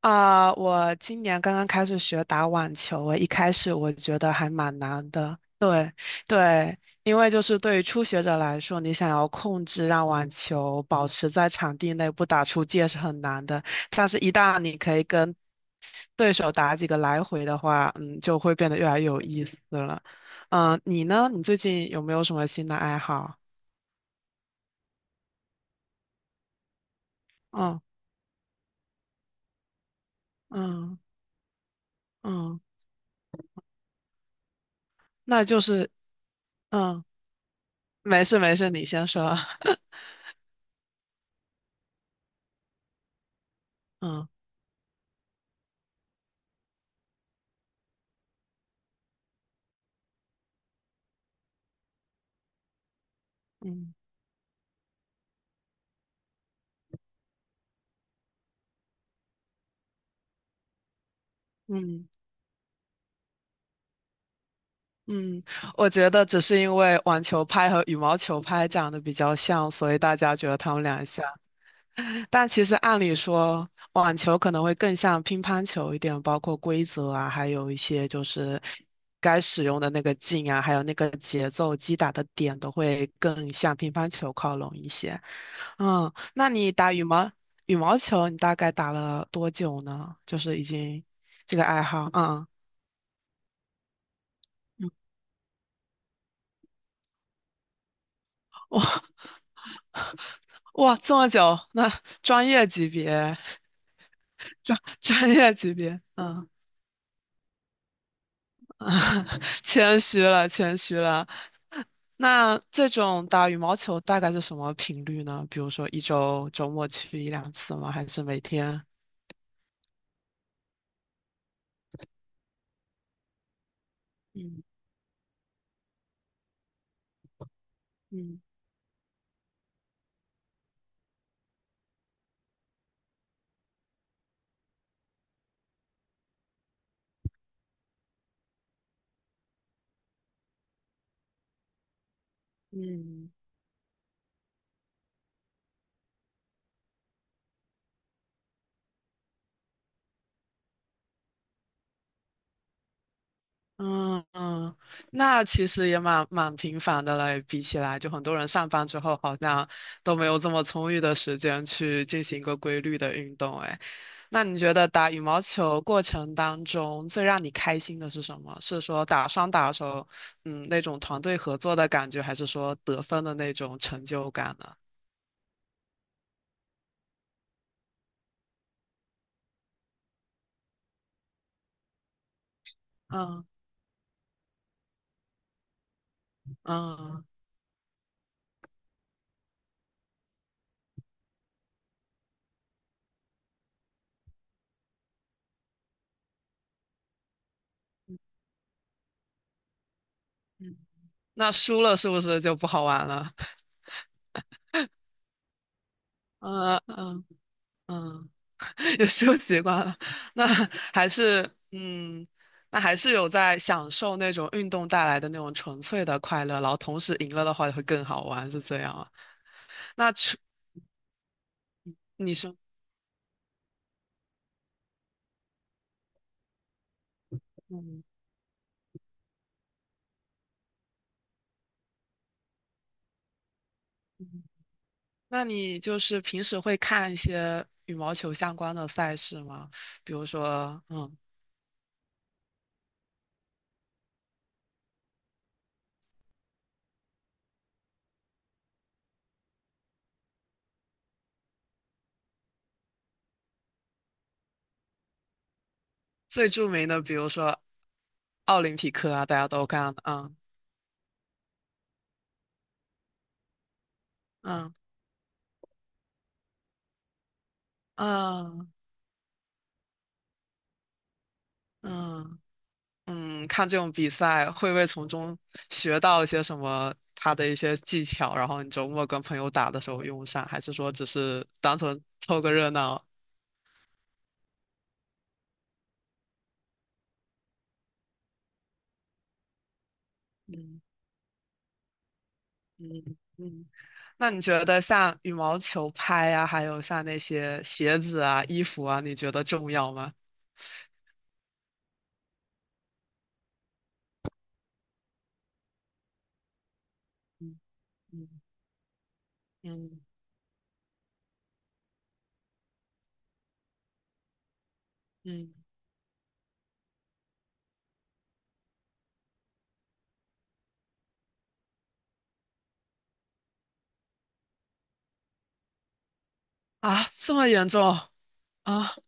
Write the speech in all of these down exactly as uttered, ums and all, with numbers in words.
啊，我今年刚刚开始学打网球，我一开始我觉得还蛮难的。对对，因为就是对于初学者来说，你想要控制让网球保持在场地内不打出界是很难的。但是，一旦你可以跟对手打几个来回的话，嗯，就会变得越来越有意思了。嗯，你呢？你最近有没有什么新的爱好？嗯嗯嗯，那就是嗯，没事没事，你先说。嗯嗯嗯。嗯，我觉得只是因为网球拍和羽毛球拍长得比较像，所以大家觉得他们俩像。但其实按理说，网球可能会更像乒乓球一点，包括规则啊，还有一些就是该使用的那个劲啊，还有那个节奏击打的点都会更向乒乓球靠拢一些。嗯，那你打羽毛羽毛球，你大概打了多久呢？就是已经这个爱好，嗯，哇，这么久，那专业级别。专 专业级别，嗯，谦虚了，谦虚了。那这种打羽毛球大概是什么频率呢？比如说一周周末去一两次吗？还是每天？嗯嗯嗯。嗯嗯，那其实也蛮蛮频繁的了，比起来，就很多人上班之后好像都没有这么充裕的时间去进行一个规律的运动。哎，那你觉得打羽毛球过程当中最让你开心的是什么？是说打双打手，嗯，那种团队合作的感觉，还是说得分的那种成就感呢？嗯嗯，嗯那输了是不是就不好玩了？嗯嗯嗯。也是习惯了。那还是嗯，那还是有在享受那种运动带来的那种纯粹的快乐，然后同时赢了的话会更好玩，是这样啊？那除你说，嗯，那你就是平时会看一些羽毛球相关的赛事吗？比如说，嗯，最著名的，比如说奥林匹克啊，大家都看，嗯嗯嗯嗯。嗯，看这种比赛会不会从中学到一些什么他的一些技巧，然后你周末跟朋友打的时候用上，还是说只是单纯凑个热闹？嗯嗯嗯。那你觉得像羽毛球拍呀、还有像那些鞋子啊、衣服啊，你觉得重要吗？嗯嗯嗯嗯。啊，这么严重啊？嗯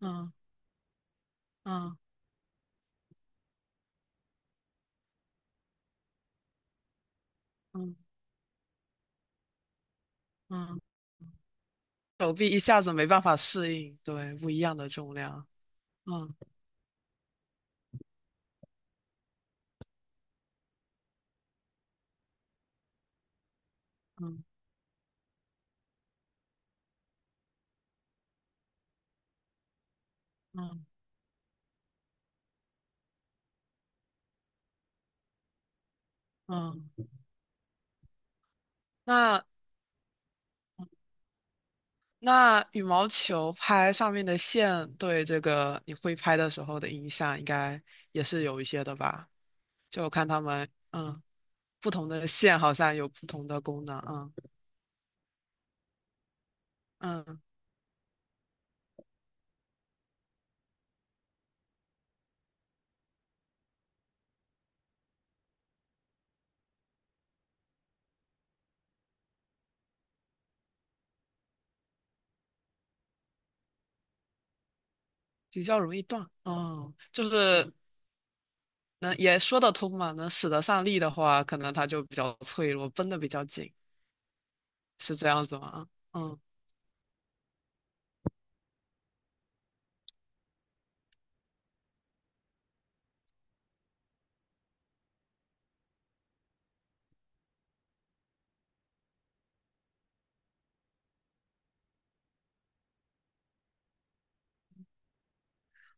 嗯嗯嗯，手臂一下子没办法适应，对，不一样的重量。嗯嗯嗯嗯那那羽毛球拍上面的线对这个你挥拍的时候的影响，应该也是有一些的吧？就我看他们，嗯，不同的线好像有不同的功能，嗯嗯，比较容易断，哦，就是能也说得通嘛，能使得上力的话，可能它就比较脆弱，绷得比较紧，是这样子吗？嗯，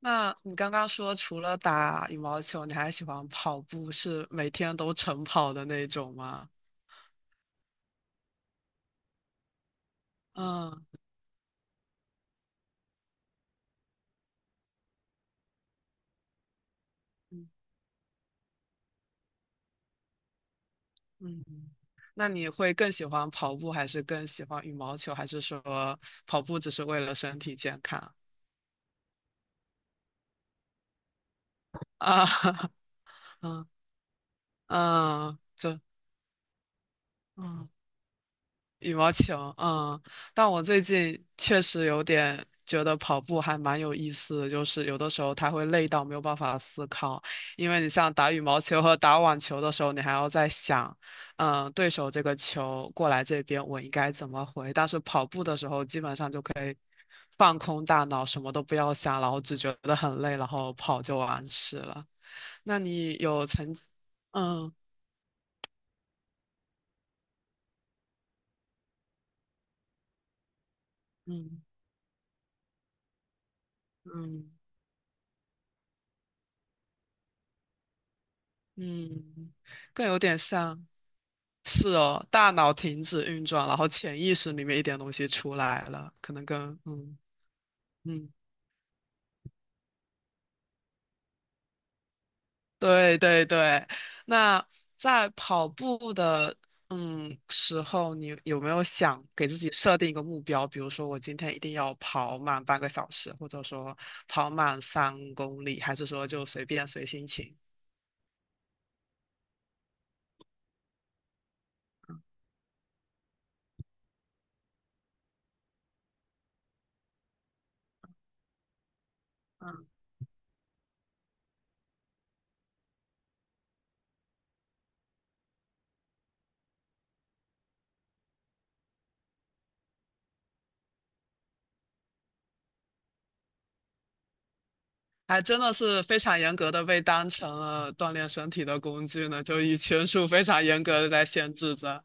那你刚刚说除了打羽毛球，你还喜欢跑步，是每天都晨跑的那种吗？嗯。嗯，那你会更喜欢跑步，还是更喜欢羽毛球，还是说跑步只是为了身体健康啊？嗯嗯，这嗯。羽毛球，嗯，但我最近确实有点觉得跑步还蛮有意思的，就是有的时候它会累到没有办法思考，因为你像打羽毛球和打网球的时候，你还要在想，嗯，对手这个球过来这边我应该怎么回，但是跑步的时候基本上就可以放空大脑，什么都不要想，然后只觉得很累，然后跑就完事了。那你有曾，嗯嗯嗯嗯，更有点像。是哦，大脑停止运转，然后潜意识里面一点东西出来了，可能跟嗯嗯，对对对。那在跑步的嗯时候，你有没有想给自己设定一个目标？比如说，我今天一定要跑满半个小时，或者说跑满三公里，还是说就随便随心情？嗯。还真的是非常严格的被当成了锻炼身体的工具呢，就以拳术非常严格的在限制着，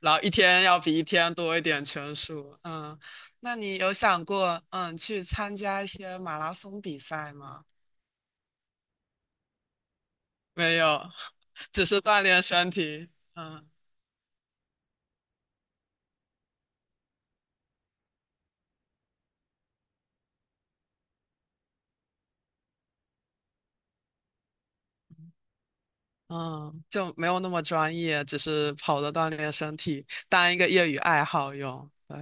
然后一天要比一天多一点拳术。嗯，那你有想过嗯去参加一些马拉松比赛吗？没有，只是锻炼身体。嗯嗯，就没有那么专业，只是跑着锻炼身体，当一个业余爱好用。对。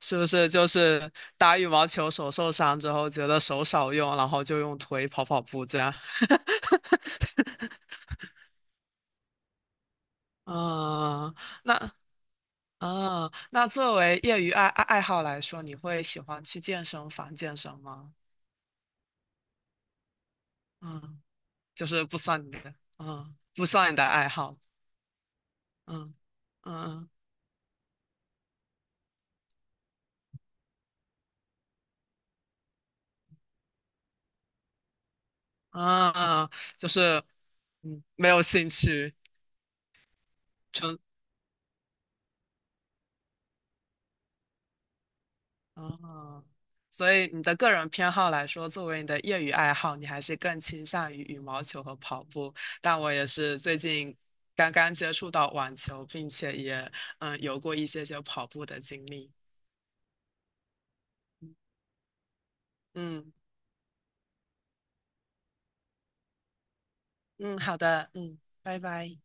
是不是就是打羽毛球手受伤之后，觉得手少用，然后就用腿跑跑步这样？嗯，那嗯，那作为业余爱爱爱好来说，你会喜欢去健身房健身吗？嗯，就是不算你的，嗯，不算你的爱好，嗯嗯嗯，嗯嗯就是嗯没有兴趣，纯哦，所以你的个人偏好来说，作为你的业余爱好，你还是更倾向于羽毛球和跑步。但我也是最近刚刚接触到网球，并且也嗯有过一些些跑步的经历。嗯嗯，好的，嗯，拜拜。